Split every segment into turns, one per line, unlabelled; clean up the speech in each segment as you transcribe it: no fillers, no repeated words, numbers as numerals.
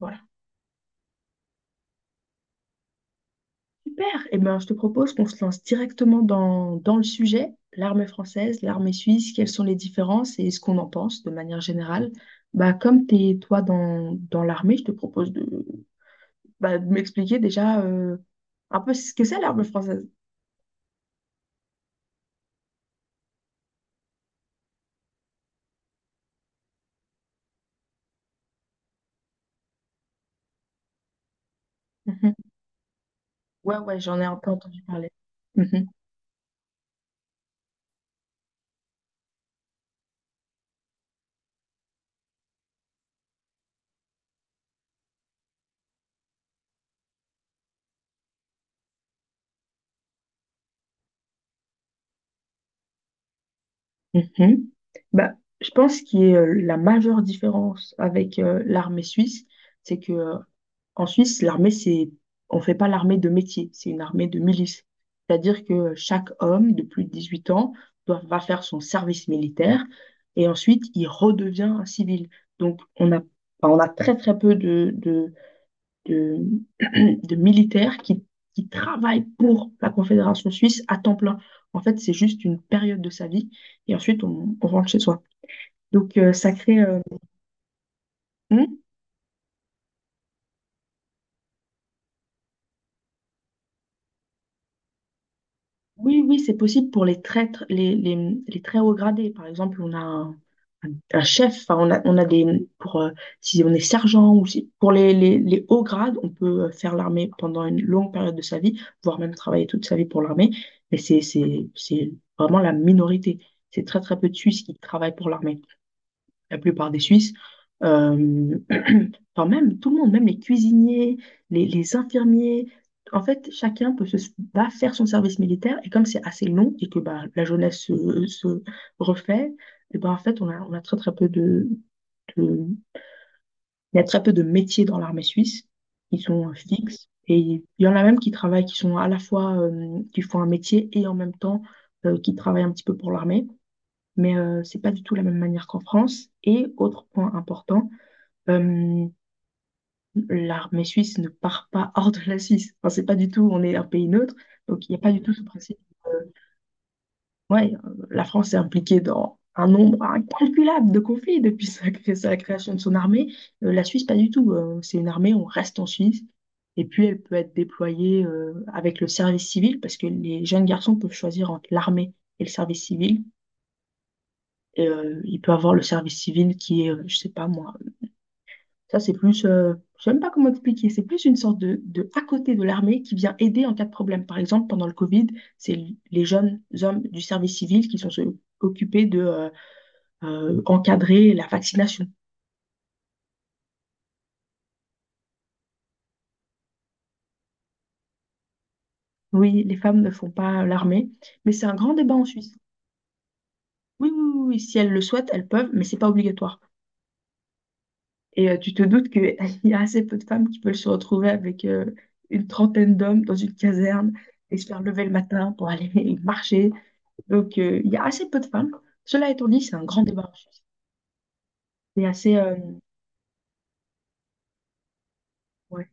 Voilà, super. Eh ben, je te propose qu'on se lance directement dans le sujet, l'armée française, l'armée suisse, quelles sont les différences et ce qu'on en pense de manière générale. Bah, comme tu es toi dans l'armée, je te propose bah, de m'expliquer déjà un peu ce que c'est l'armée française. Mhm. Ouais, ouais, j'en ai un peu entendu parler. Mhm, mhm. Bah, je pense que la majeure différence avec l'armée suisse, c'est que en Suisse, l'armée, c'est, on fait pas l'armée de métier, c'est une armée de milice. C'est-à-dire que chaque homme de plus de 18 ans va faire son service militaire et ensuite il redevient un civil. Donc on a, enfin, on a très très peu de, de militaires qui travaillent pour la Confédération suisse à temps plein. En fait, c'est juste une période de sa vie et ensuite on rentre chez soi. Donc ça crée. Hmm. Oui, oui, c'est possible pour les les très hauts gradés. Par exemple, on a un chef, enfin, on a des, pour, si on est sergent ou si, pour les, les hauts grades, on peut faire l'armée pendant une longue période de sa vie, voire même travailler toute sa vie pour l'armée. Mais c'est vraiment la minorité. C'est très, très peu de Suisses qui travaillent pour l'armée. La plupart des Suisses, euh, Enfin, même tout le monde, même les cuisiniers, les infirmiers. En fait, va faire son service militaire. Et comme c'est assez long et que bah, la jeunesse se refait, et bah en fait, on a très, très peu de- il y a très peu de métiers dans l'armée suisse qui sont fixes. Et il y en a même qui travaillent, qui sont à la fois, qui font un métier et en même temps qui travaillent un petit peu pour l'armée. Mais c'est pas du tout la même manière qu'en France. Et autre point important, euh, l'armée suisse ne part pas hors de la Suisse. Enfin, c'est pas du tout, on est un pays neutre, donc il n'y a pas du tout ce principe. euh, ouais, la France est impliquée dans un nombre incalculable de conflits depuis sa création de son armée. La Suisse, pas du tout. C'est une armée, on reste en Suisse. Et puis, elle peut être déployée avec le service civil, parce que les jeunes garçons peuvent choisir entre l'armée et le service civil. Il peut avoir le service civil qui est, je sais pas moi. Ça, c'est plus, je sais même pas comment expliquer, c'est plus une sorte de à côté de l'armée qui vient aider en cas de problème. Par exemple, pendant le Covid, c'est les jeunes hommes du service civil qui sont occupés de encadrer la vaccination. Oui, les femmes ne font pas l'armée, mais c'est un grand débat en Suisse. Oui, oui, oui, oui, si elles le souhaitent, elles peuvent, mais c'est pas obligatoire. Et tu te doutes qu'il y a assez peu de femmes qui peuvent se retrouver avec une trentaine d'hommes dans une caserne et se faire lever le matin pour aller marcher. Donc, il y a assez peu de femmes. Cela étant dit, c'est un grand débat en Suisse. C'est assez, ouais.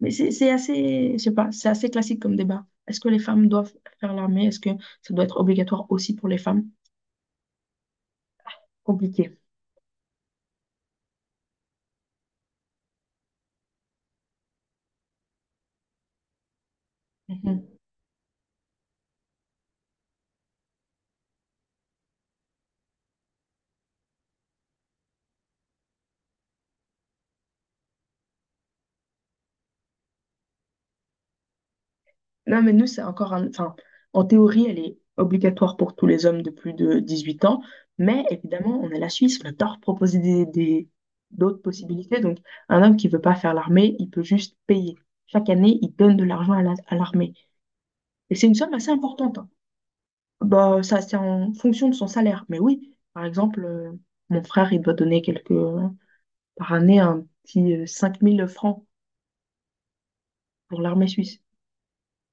Mais c'est assez, je sais pas, c'est assez classique comme débat. Est-ce que les femmes doivent faire l'armée? Est-ce que ça doit être obligatoire aussi pour les femmes? Compliqué. Mhm. Non, mais nous, c'est encore enfin, en théorie, elle est obligatoire pour tous les hommes de plus de 18 ans. Mais évidemment, on est la Suisse, on adore proposer d'autres possibilités. Donc, un homme qui veut pas faire l'armée, il peut juste payer. Chaque année, il donne de l'argent à l'armée. Et c'est une somme assez importante, hein. Bah, ça, c'est en fonction de son salaire. Mais oui, par exemple, mon frère, il doit donner par année, un petit 5000 francs pour l'armée suisse.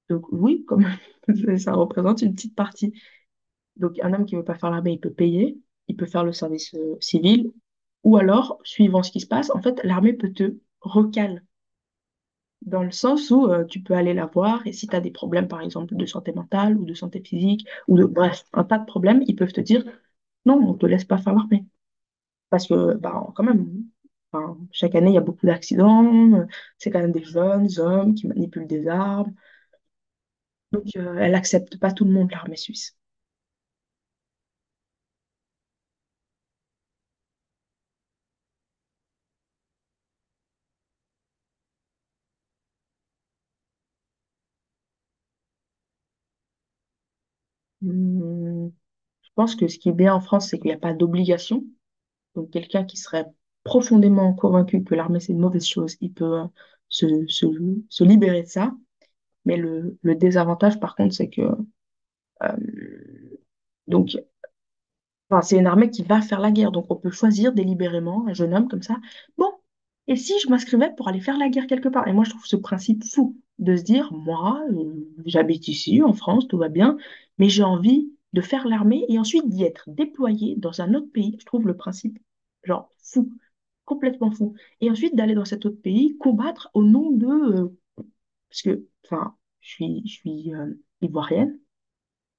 Donc oui, comme ça représente une petite partie. Donc un homme qui veut pas faire l'armée, il peut payer, il peut faire le service civil, ou alors, suivant ce qui se passe, en fait, l'armée peut te recale, dans le sens où tu peux aller la voir, et si tu as des problèmes, par exemple, de santé mentale, ou de santé physique, bref, un tas de problèmes, ils peuvent te dire, non, on te laisse pas faire l'armée. Parce que, bah, quand même, enfin, chaque année, il y a beaucoup d'accidents. C'est quand même des jeunes hommes qui manipulent des armes. Donc, elle accepte pas tout le monde, l'armée suisse. Hum, je pense que ce qui est bien en France, c'est qu'il n'y a pas d'obligation. Donc, quelqu'un qui serait profondément convaincu que l'armée, c'est une mauvaise chose, il peut se, se, se libérer de ça. Mais le désavantage, par contre, c'est que euh, donc enfin, c'est une armée qui va faire la guerre, donc on peut choisir délibérément un jeune homme comme ça. Bon, et si je m'inscrivais pour aller faire la guerre quelque part? Et moi, je trouve ce principe fou de se dire, moi, j'habite ici, en France, tout va bien, mais j'ai envie de faire l'armée et ensuite d'y être déployé dans un autre pays. Je trouve le principe, genre, fou, complètement fou. Et ensuite d'aller dans cet autre pays, combattre au nom de, parce que, enfin, je suis ivoirienne.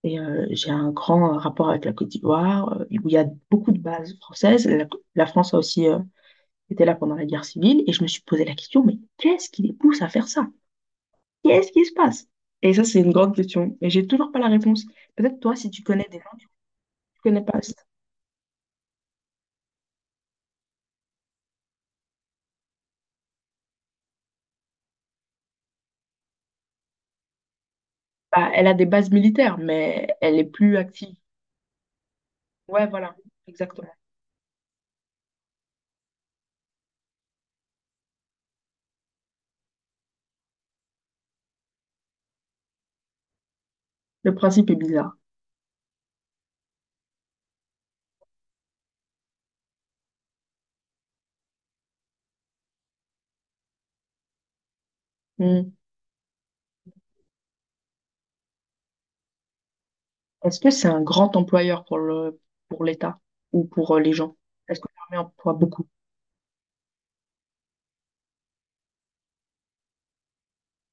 Et j'ai un grand rapport avec la Côte d'Ivoire, où il y a beaucoup de bases françaises. La France a aussi été là pendant la guerre civile. Et je me suis posé la question, mais qu'est-ce qui les pousse à faire ça? Qu'est-ce qui se passe? Et ça, c'est une grande question. Et j'ai toujours pas la réponse. Peut-être toi, si tu connais des gens, tu connais pas. Bah, elle a des bases militaires, mais elle est plus active. Ouais, voilà, exactement. Le principe est bizarre. Hmm. Est-ce que c'est un grand employeur pour l'État ou pour les gens? Est-ce que l'armée emploie beaucoup?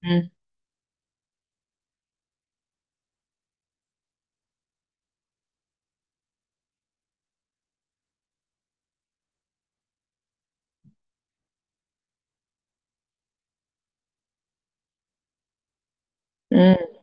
Hmm. Hmm.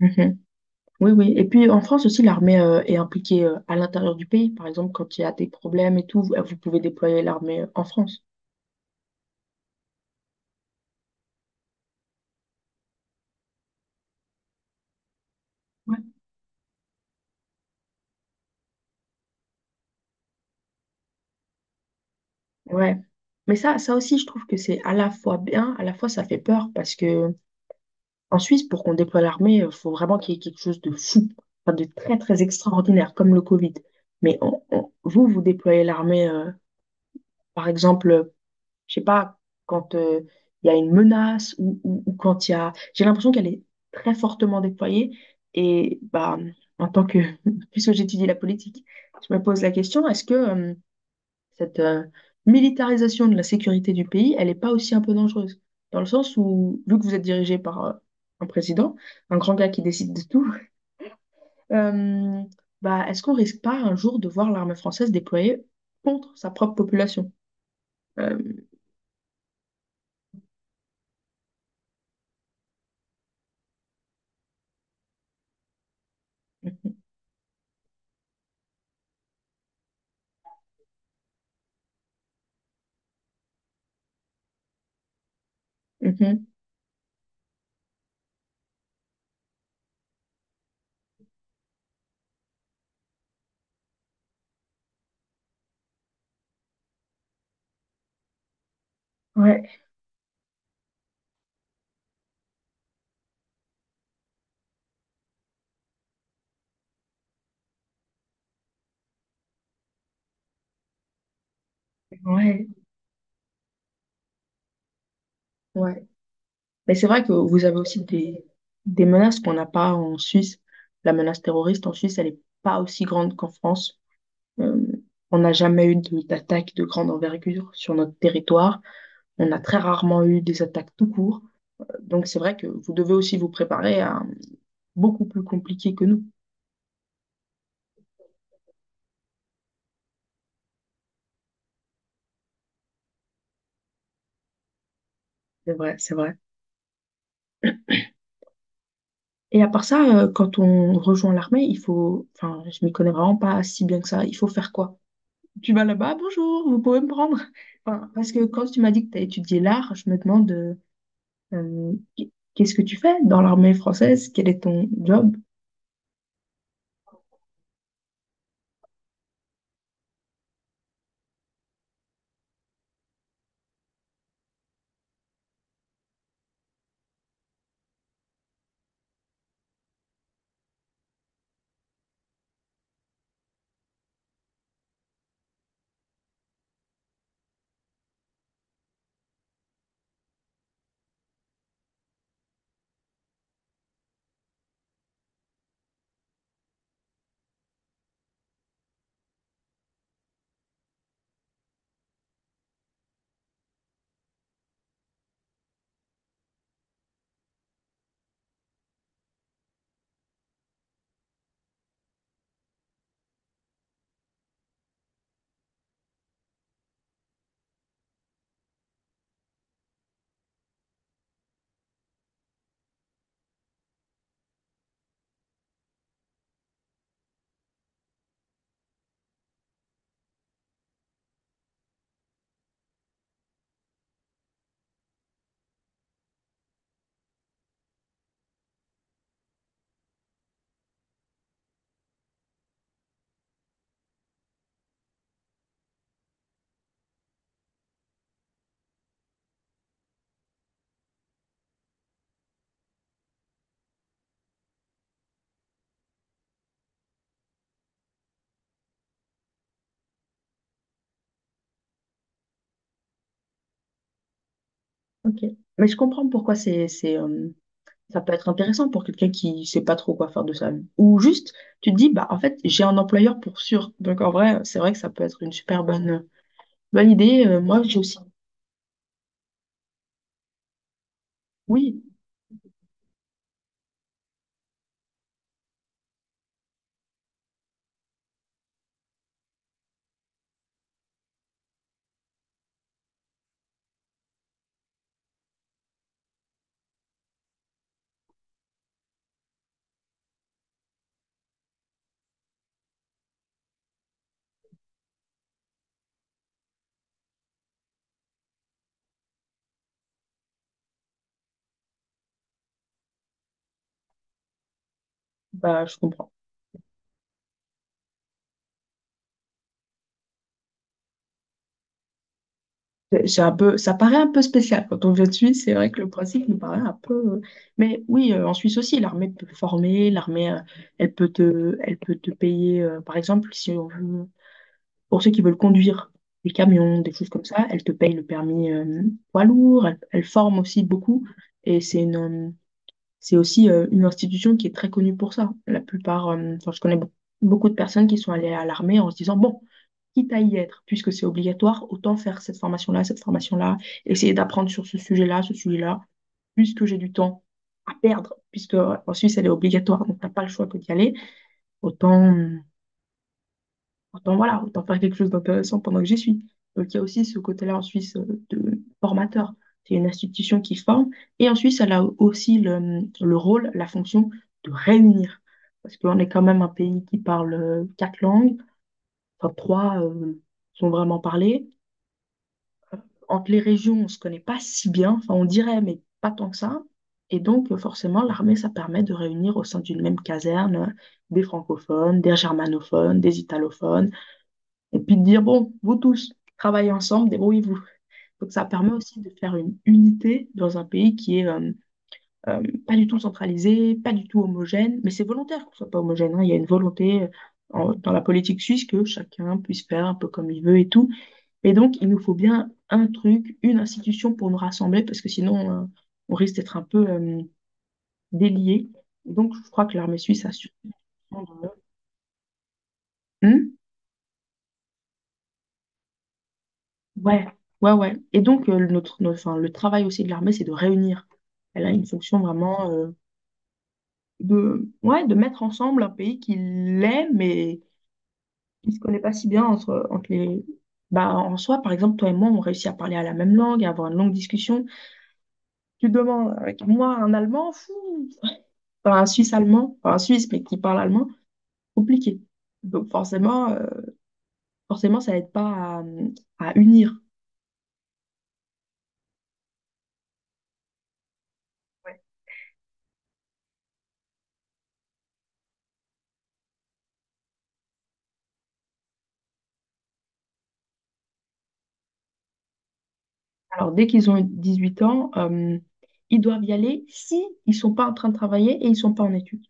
Mhm. Oui, oui. Et puis en France aussi, l'armée est impliquée à l'intérieur du pays. Par exemple, quand il y a des problèmes et tout, vous, vous pouvez déployer l'armée en France. Ouais. Ouais. Mais ça aussi, je trouve que c'est à la fois bien, à la fois ça fait peur parce que en Suisse, pour qu'on déploie l'armée, il faut vraiment qu'il y ait quelque chose de fou, enfin, de très, très extraordinaire, comme le Covid. Mais vous, vous déployez l'armée, par exemple. Je sais pas, quand il y a une menace ou quand il y a. J'ai l'impression qu'elle est très fortement déployée. Et bah, en tant que. Puisque j'étudie la politique, je me pose la question, est-ce que cette militarisation de la sécurité du pays, elle n'est pas aussi un peu dangereuse? Dans le sens où, vu que vous êtes dirigé par un président, un grand gars qui décide de tout, euh, bah, est-ce qu'on risque pas un jour de voir l'armée française déployée contre sa propre population? Euh, mhm. Ouais, ouais. Ouais. Mais c'est vrai que vous avez aussi des menaces qu'on n'a pas en Suisse. La menace terroriste en Suisse, elle n'est pas aussi grande qu'en France. Euh, on n'a jamais eu d'attaque de grande envergure sur notre territoire. On a très rarement eu des attaques tout court. Donc c'est vrai que vous devez aussi vous préparer à beaucoup plus compliqué que nous. C'est vrai, c'est vrai. Et à part ça, quand on rejoint l'armée, il faut, enfin, je m'y connais vraiment pas si bien que ça. Il faut faire quoi? Tu vas là-bas, bonjour, vous pouvez me prendre. Enfin, parce que quand tu m'as dit que tu as étudié l'art, je me demande euh, qu'est-ce que tu fais dans l'armée française? Quel est ton job? Ok. Mais je comprends pourquoi ça peut être intéressant pour quelqu'un qui sait pas trop quoi faire de sa vie. Ou juste, tu te dis, bah, en fait, j'ai un employeur pour sûr. Donc, en vrai, c'est vrai que ça peut être une super bonne, bonne idée. Moi, j'ai aussi. Oui, bah, je comprends. C'est un peu, ça paraît un peu spécial quand on vient de Suisse. C'est vrai que le principe nous paraît un peu. Mais oui, en Suisse aussi, l'armée peut former. L'armée, elle peut te payer, par exemple, si on veut, pour ceux qui veulent conduire des camions, des choses comme ça, elle te paye le permis, poids lourd. Elle, elle forme aussi beaucoup. Et c'est une, c'est aussi une institution qui est très connue pour ça. La plupart, enfin, je connais beaucoup de personnes qui sont allées à l'armée en se disant, bon, quitte à y être, puisque c'est obligatoire, autant faire cette formation-là, essayer d'apprendre sur ce sujet-là, puisque j'ai du temps à perdre, puisque en Suisse, elle est obligatoire, donc t'as pas le choix que d'y aller, autant... euh, Autant, voilà, autant faire quelque chose d'intéressant pendant que j'y suis. Donc, il y a aussi ce côté-là en Suisse de formateur. C'est une institution qui forme. Et en Suisse, elle a aussi le rôle, la fonction de réunir. Parce qu'on est quand même un pays qui parle 4 langues. Enfin, trois sont vraiment parlées. Entre les régions, on ne se connaît pas si bien. Enfin, on dirait, mais pas tant que ça. Et donc, forcément, l'armée, ça permet de réunir au sein d'une même caserne des francophones, des germanophones, des italophones et puis de dire, bon, vous tous, travaillez ensemble, débrouillez-vous. Donc ça permet aussi de faire une unité dans un pays qui est pas du tout centralisé, pas du tout homogène, mais c'est volontaire qu'on soit pas homogène, hein. Il y a une volonté dans la politique suisse que chacun puisse faire un peu comme il veut et tout. Et donc il nous faut bien un truc, une institution pour nous rassembler, parce que sinon on risque d'être un peu déliés. Donc je crois que l'armée suisse a su. Hmm. Ouais, ouais, ouais. Et donc, enfin, le travail aussi de l'armée, c'est de réunir. Elle a une fonction vraiment de, ouais, de mettre ensemble un pays qui l'est, mais qui ne se connaît pas si bien entre, Bah, en soi, par exemple, toi et moi, on réussit à parler à la même langue, à avoir une longue discussion. Tu demandes avec moi un Allemand, fou, enfin, un Suisse allemand, enfin, un Suisse, mais qui parle allemand, compliqué. Donc forcément, forcément, ça aide pas à, à unir. Alors, dès qu'ils ont 18 ans, ils doivent y aller si ils sont pas en train de travailler et ils sont pas en études.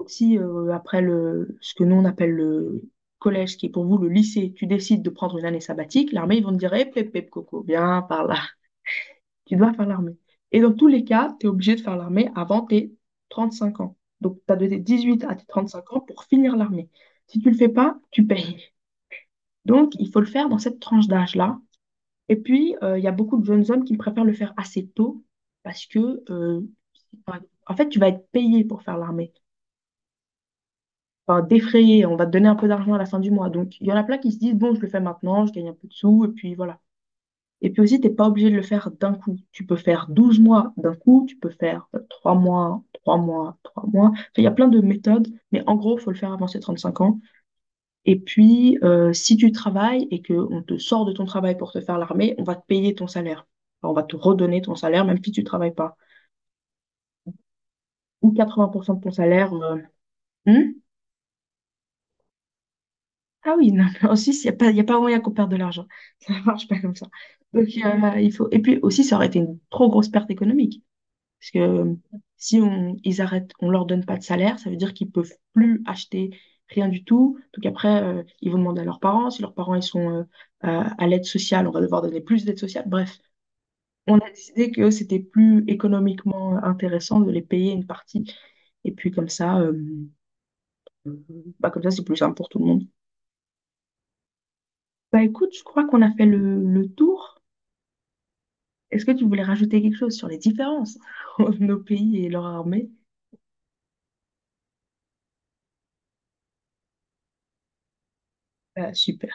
Donc, si après le, ce que nous on appelle le collège, ce qui est pour vous le lycée, tu décides de prendre une année sabbatique, l'armée, ils vont te dire, eh, pep, pep, coco, viens par là. Tu dois faire l'armée. Et dans tous les cas, tu es obligé de faire l'armée avant tes 35 ans. Donc, tu as de tes 18 à tes 35 ans pour finir l'armée. Si tu le fais pas, tu payes. Donc, il faut le faire dans cette tranche d'âge-là. Et puis, il y a beaucoup de jeunes hommes qui préfèrent le faire assez tôt parce que, enfin, en fait, tu vas être payé pour faire l'armée, enfin, défrayé, on va te donner un peu d'argent à la fin du mois. Donc, il y en a plein qui se disent, bon, je le fais maintenant, je gagne un peu de sous, et puis voilà. Et puis aussi, t'es pas obligé de le faire d'un coup. Tu peux faire 12 mois d'un coup, tu peux faire 3 mois, 3 mois, 3 mois. Enfin, il y a plein de méthodes, mais en gros, faut le faire avant ses 35 ans. Et puis, si tu travailles et qu'on te sort de ton travail pour te faire l'armée, on va te payer ton salaire. Enfin, on va te redonner ton salaire, même si tu travailles pas. Ou 80% de ton salaire. Hmm. Ah oui, non, mais en Suisse, il n'y a pas, il y a pas moyen qu'on perde de l'argent. Ça ne marche pas comme ça. Donc, il faut... Et puis aussi, ça aurait été une trop grosse perte économique. Parce que si on, ils arrêtent, on leur donne pas de salaire, ça veut dire qu'ils peuvent plus acheter rien du tout. Donc après, ils vont demander à leurs parents. Si leurs parents, ils sont à l'aide sociale, on va devoir donner plus d'aide sociale. Bref. On a décidé que c'était plus économiquement intéressant de les payer une partie. Et puis comme ça, bah, comme ça, c'est plus simple pour tout le monde. Bah écoute, je crois qu'on a fait le tour. Est-ce que tu voulais rajouter quelque chose sur les différences entre nos pays et leur armée? Bah, super.